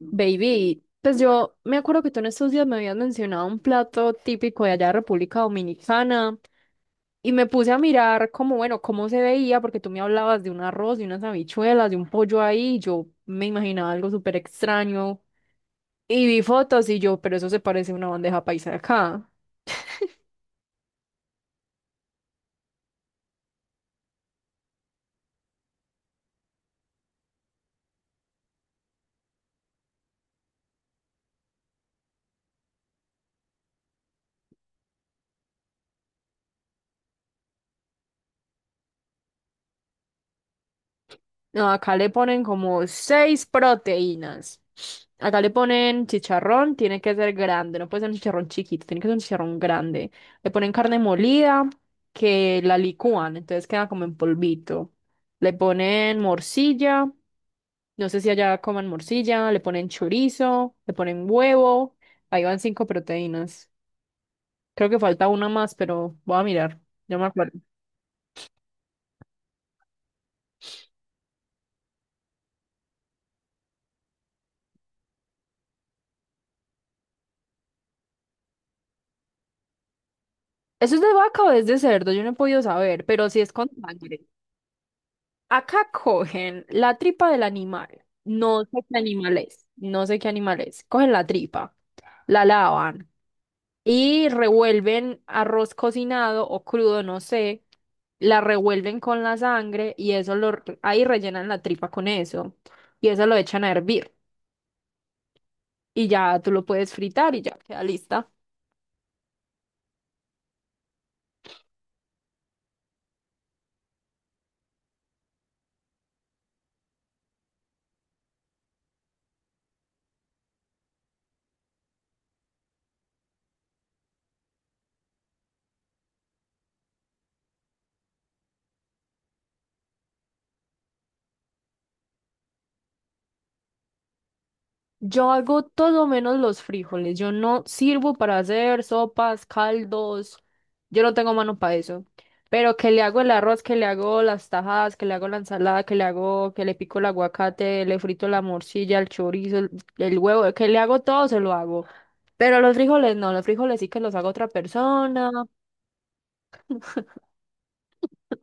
Baby, pues yo me acuerdo que tú en estos días me habías mencionado un plato típico de allá de República Dominicana y me puse a mirar como, bueno, cómo se veía, porque tú me hablabas de un arroz, de unas habichuelas, de un pollo ahí, y yo me imaginaba algo súper extraño y vi fotos y yo, pero eso se parece a una bandeja paisa de acá. No, acá le ponen como seis proteínas. Acá le ponen chicharrón, tiene que ser grande, no puede ser un chicharrón chiquito, tiene que ser un chicharrón grande. Le ponen carne molida, que la licúan, entonces queda como en polvito. Le ponen morcilla, no sé si allá coman morcilla, le ponen chorizo, le ponen huevo. Ahí van cinco proteínas. Creo que falta una más, pero voy a mirar, no me acuerdo. ¿Eso es de vaca o es de cerdo? Yo no he podido saber, pero si es con sangre. Acá cogen la tripa del animal. No sé qué animal es. No sé qué animal es. Cogen la tripa, la lavan y revuelven arroz cocinado o crudo, no sé. La revuelven con la sangre y ahí rellenan la tripa con eso. Y eso lo echan a hervir. Y ya tú lo puedes fritar y ya queda lista. Yo hago todo menos los frijoles. Yo no sirvo para hacer sopas, caldos. Yo no tengo mano para eso. Pero que le hago el arroz, que le hago las tajadas, que le hago la ensalada, que le hago, que le pico el aguacate, le frito la morcilla, el chorizo, el huevo, que le hago todo, se lo hago. Pero los frijoles no, los frijoles sí que los hago otra persona.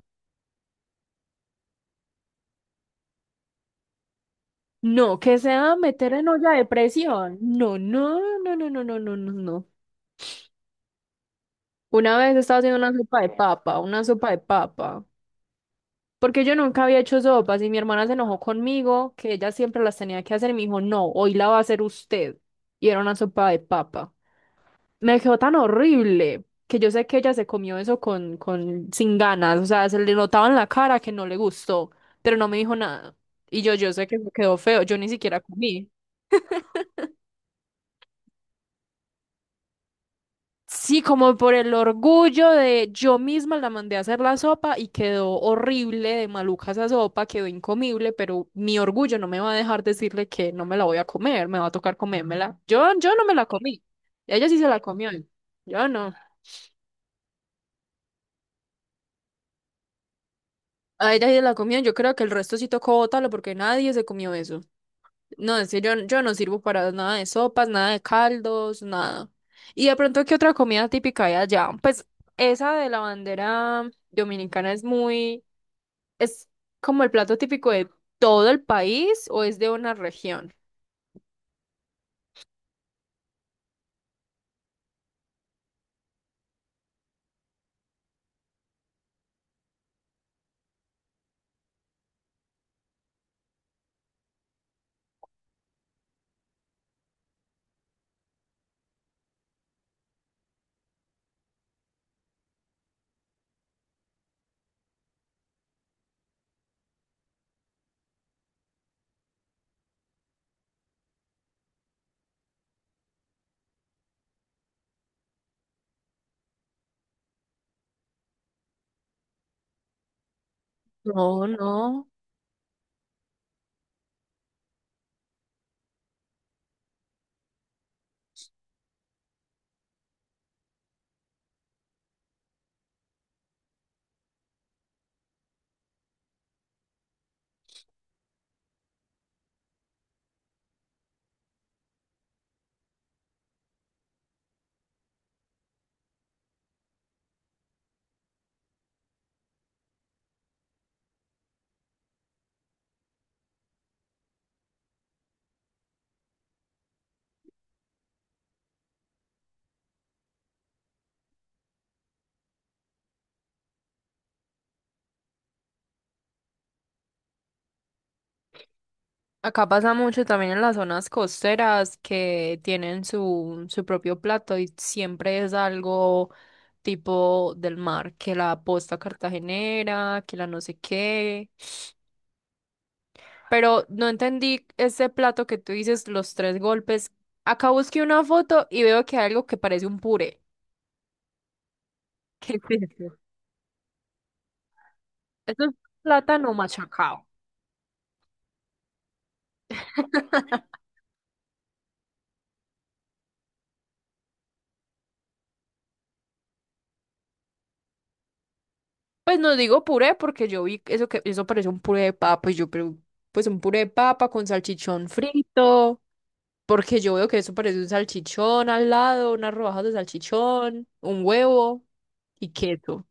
No, que sea meter en olla de presión. No, no, no, no, no, no, no, no. Una vez estaba haciendo una sopa de papa, una sopa de papa, porque yo nunca había hecho sopas y mi hermana se enojó conmigo, que ella siempre las tenía que hacer y me dijo, no, hoy la va a hacer usted. Y era una sopa de papa. Me quedó tan horrible que yo sé que ella se comió eso con, sin ganas, o sea, se le notaba en la cara que no le gustó, pero no me dijo nada. Y yo sé que me quedó feo, yo ni siquiera comí. Sí, como por el orgullo de yo misma la mandé a hacer la sopa y quedó horrible de maluca esa sopa, quedó incomible, pero mi orgullo no me va a dejar decirle que no me la voy a comer, me va a tocar comérmela. Yo no me la comí. Ella sí se la comió. Yo no. A ella sí se la comió. Yo creo que el resto sí tocó botarlo porque nadie se comió eso. No, es que yo no sirvo para nada de sopas, nada de caldos, nada. Y de pronto, ¿qué otra comida típica hay allá? Pues esa de la bandera dominicana es muy. ¿Es como el plato típico de todo el país o es de una región? No, no. Acá pasa mucho también en las zonas costeras que tienen su propio plato y siempre es algo tipo del mar, que la posta cartagenera, que la no sé qué. Pero no entendí ese plato que tú dices, los tres golpes. Acá busqué una foto y veo que hay algo que parece un puré. ¿Qué es eso? Eso es plátano machacado. Pues no digo puré porque yo vi eso que eso parece un puré de papa y yo pero pues un puré de papa con salchichón frito, porque yo veo que eso parece un salchichón al lado, unas rodajas de salchichón, un huevo y queso.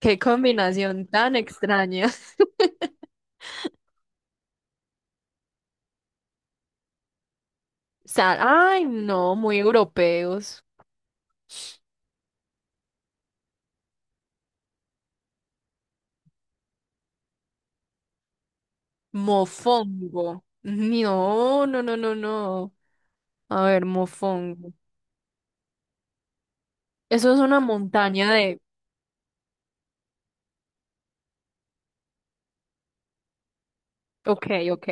¡Qué combinación tan extraña! Ay, no, muy europeos. Mofongo. No, no, no, no, no. A ver, mofongo. Eso es una montaña de... Ok, ok.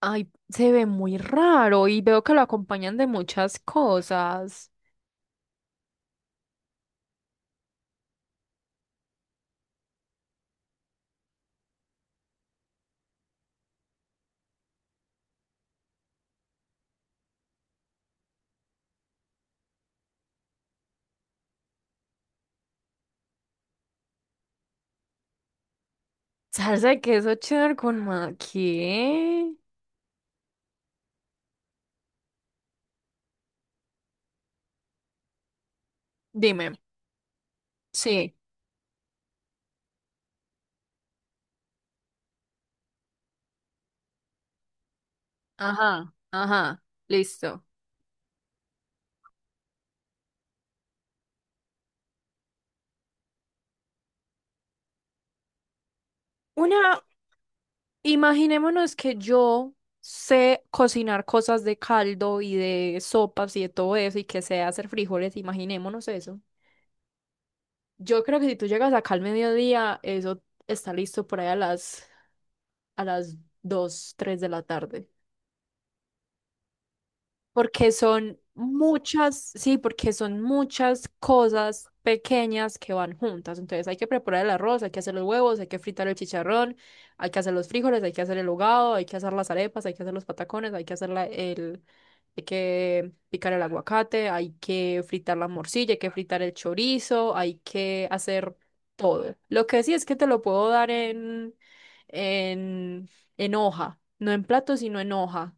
Ay, se ve muy raro y veo que lo acompañan de muchas cosas. Salsa de queso cheddar con ma... ¿Qué? Dime. Sí. Ajá, ajá. Listo. Una, Imaginémonos que yo sé cocinar cosas de caldo y de sopas y de todo eso y que sé hacer frijoles, imaginémonos eso. Yo creo que si tú llegas acá al mediodía, eso está listo por ahí a las 2, 3 de la tarde. Porque son muchas, sí, porque son muchas cosas pequeñas que van juntas. Entonces hay que preparar el arroz, hay que hacer los huevos, hay que fritar el chicharrón, hay que hacer los frijoles, hay que hacer el hogado, hay que hacer las arepas, hay que hacer los patacones, hay que hacer hay que picar el aguacate, hay que fritar la morcilla, hay que fritar el chorizo, hay que hacer todo. Lo que sí es que te lo puedo dar en, en hoja, no en plato, sino en hoja.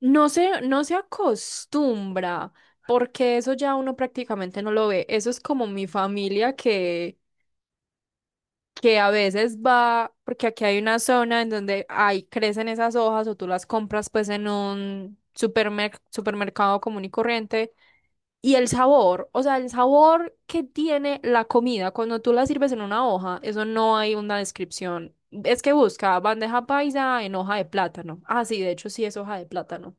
No se acostumbra, porque eso ya uno prácticamente no lo ve. Eso es como mi familia que a veces va, porque aquí hay una zona en donde hay, crecen esas hojas o tú las compras pues en un supermercado común y corriente. Y el sabor, o sea, el sabor que tiene la comida cuando tú la sirves en una hoja, eso no hay una descripción. Es que busca bandeja paisa en hoja de plátano. Ah, sí, de hecho sí es hoja de plátano.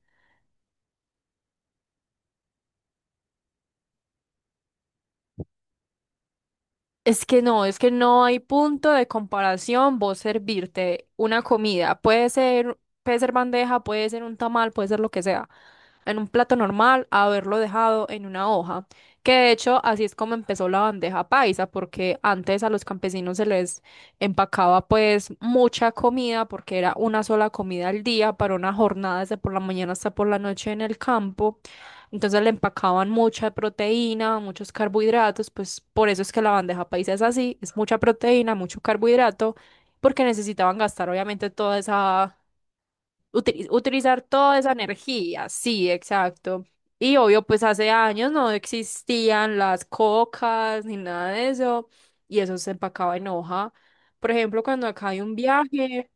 Es que no hay punto de comparación vos servirte una comida. Puede ser bandeja, puede ser un tamal, puede ser lo que sea. En un plato normal, haberlo dejado en una hoja. Que de hecho, así es como empezó la bandeja paisa, porque antes a los campesinos se les empacaba pues mucha comida, porque era una sola comida al día para una jornada de por la mañana hasta por la noche en el campo. Entonces le empacaban mucha proteína, muchos carbohidratos, pues por eso es que la bandeja paisa es así, es mucha proteína, mucho carbohidrato, porque necesitaban gastar obviamente utilizar toda esa energía, sí, exacto. Y obvio, pues hace años no existían las cocas ni nada de eso, y eso se empacaba en hoja. Por ejemplo, cuando acá hay un viaje,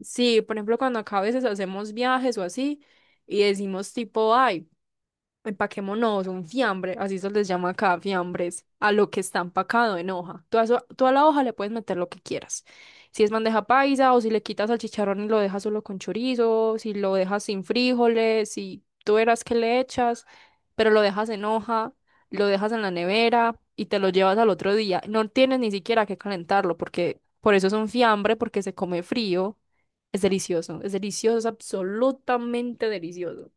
sí, por ejemplo, cuando acá a veces hacemos viajes o así, y decimos tipo, ay, empaquémonos un fiambre, así se les llama acá, fiambres, a lo que está empacado en hoja. Tú a la hoja le puedes meter lo que quieras. Si es bandeja paisa o si le quitas al chicharrón y lo dejas solo con chorizo, si lo dejas sin frijoles, si tú verás que le echas, pero lo dejas en hoja, lo dejas en la nevera y te lo llevas al otro día. No tienes ni siquiera que calentarlo porque por eso es un fiambre, porque se come frío. Es delicioso, es delicioso, es absolutamente delicioso.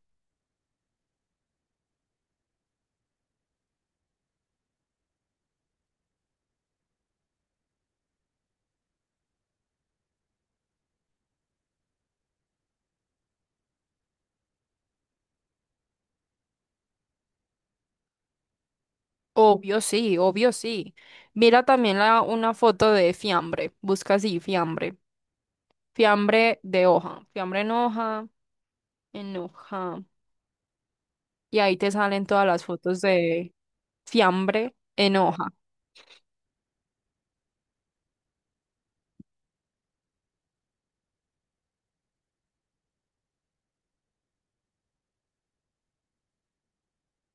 Obvio sí, obvio sí. Mira también una foto de fiambre. Busca así, fiambre. Fiambre de hoja. Fiambre en hoja, en hoja. Y ahí te salen todas las fotos de fiambre en hoja.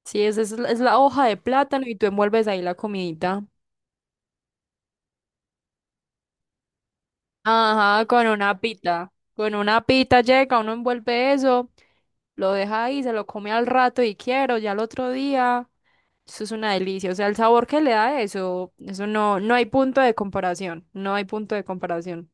Sí, esa es la hoja de plátano y tú envuelves ahí la comidita. Ajá, con una pita. Con una pita llega, uno envuelve eso lo deja ahí, se lo come al rato y quiero, ya al otro día. Eso es una delicia. O sea, el sabor que le da eso, eso no, no hay punto de comparación. No hay punto de comparación.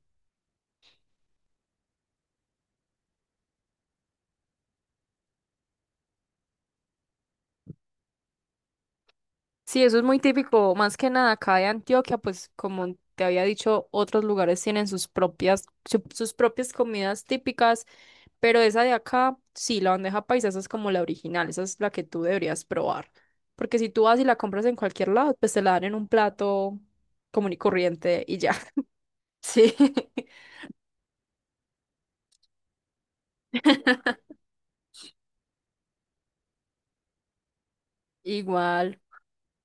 Sí, eso es muy típico, más que nada acá de Antioquia, pues como te había dicho, otros lugares tienen sus propias comidas típicas, pero esa de acá, sí, la bandeja paisa, esa es como la original, esa es la que tú deberías probar. Porque si tú vas y la compras en cualquier lado, pues te la dan en un plato común y corriente y ya. Sí, igual.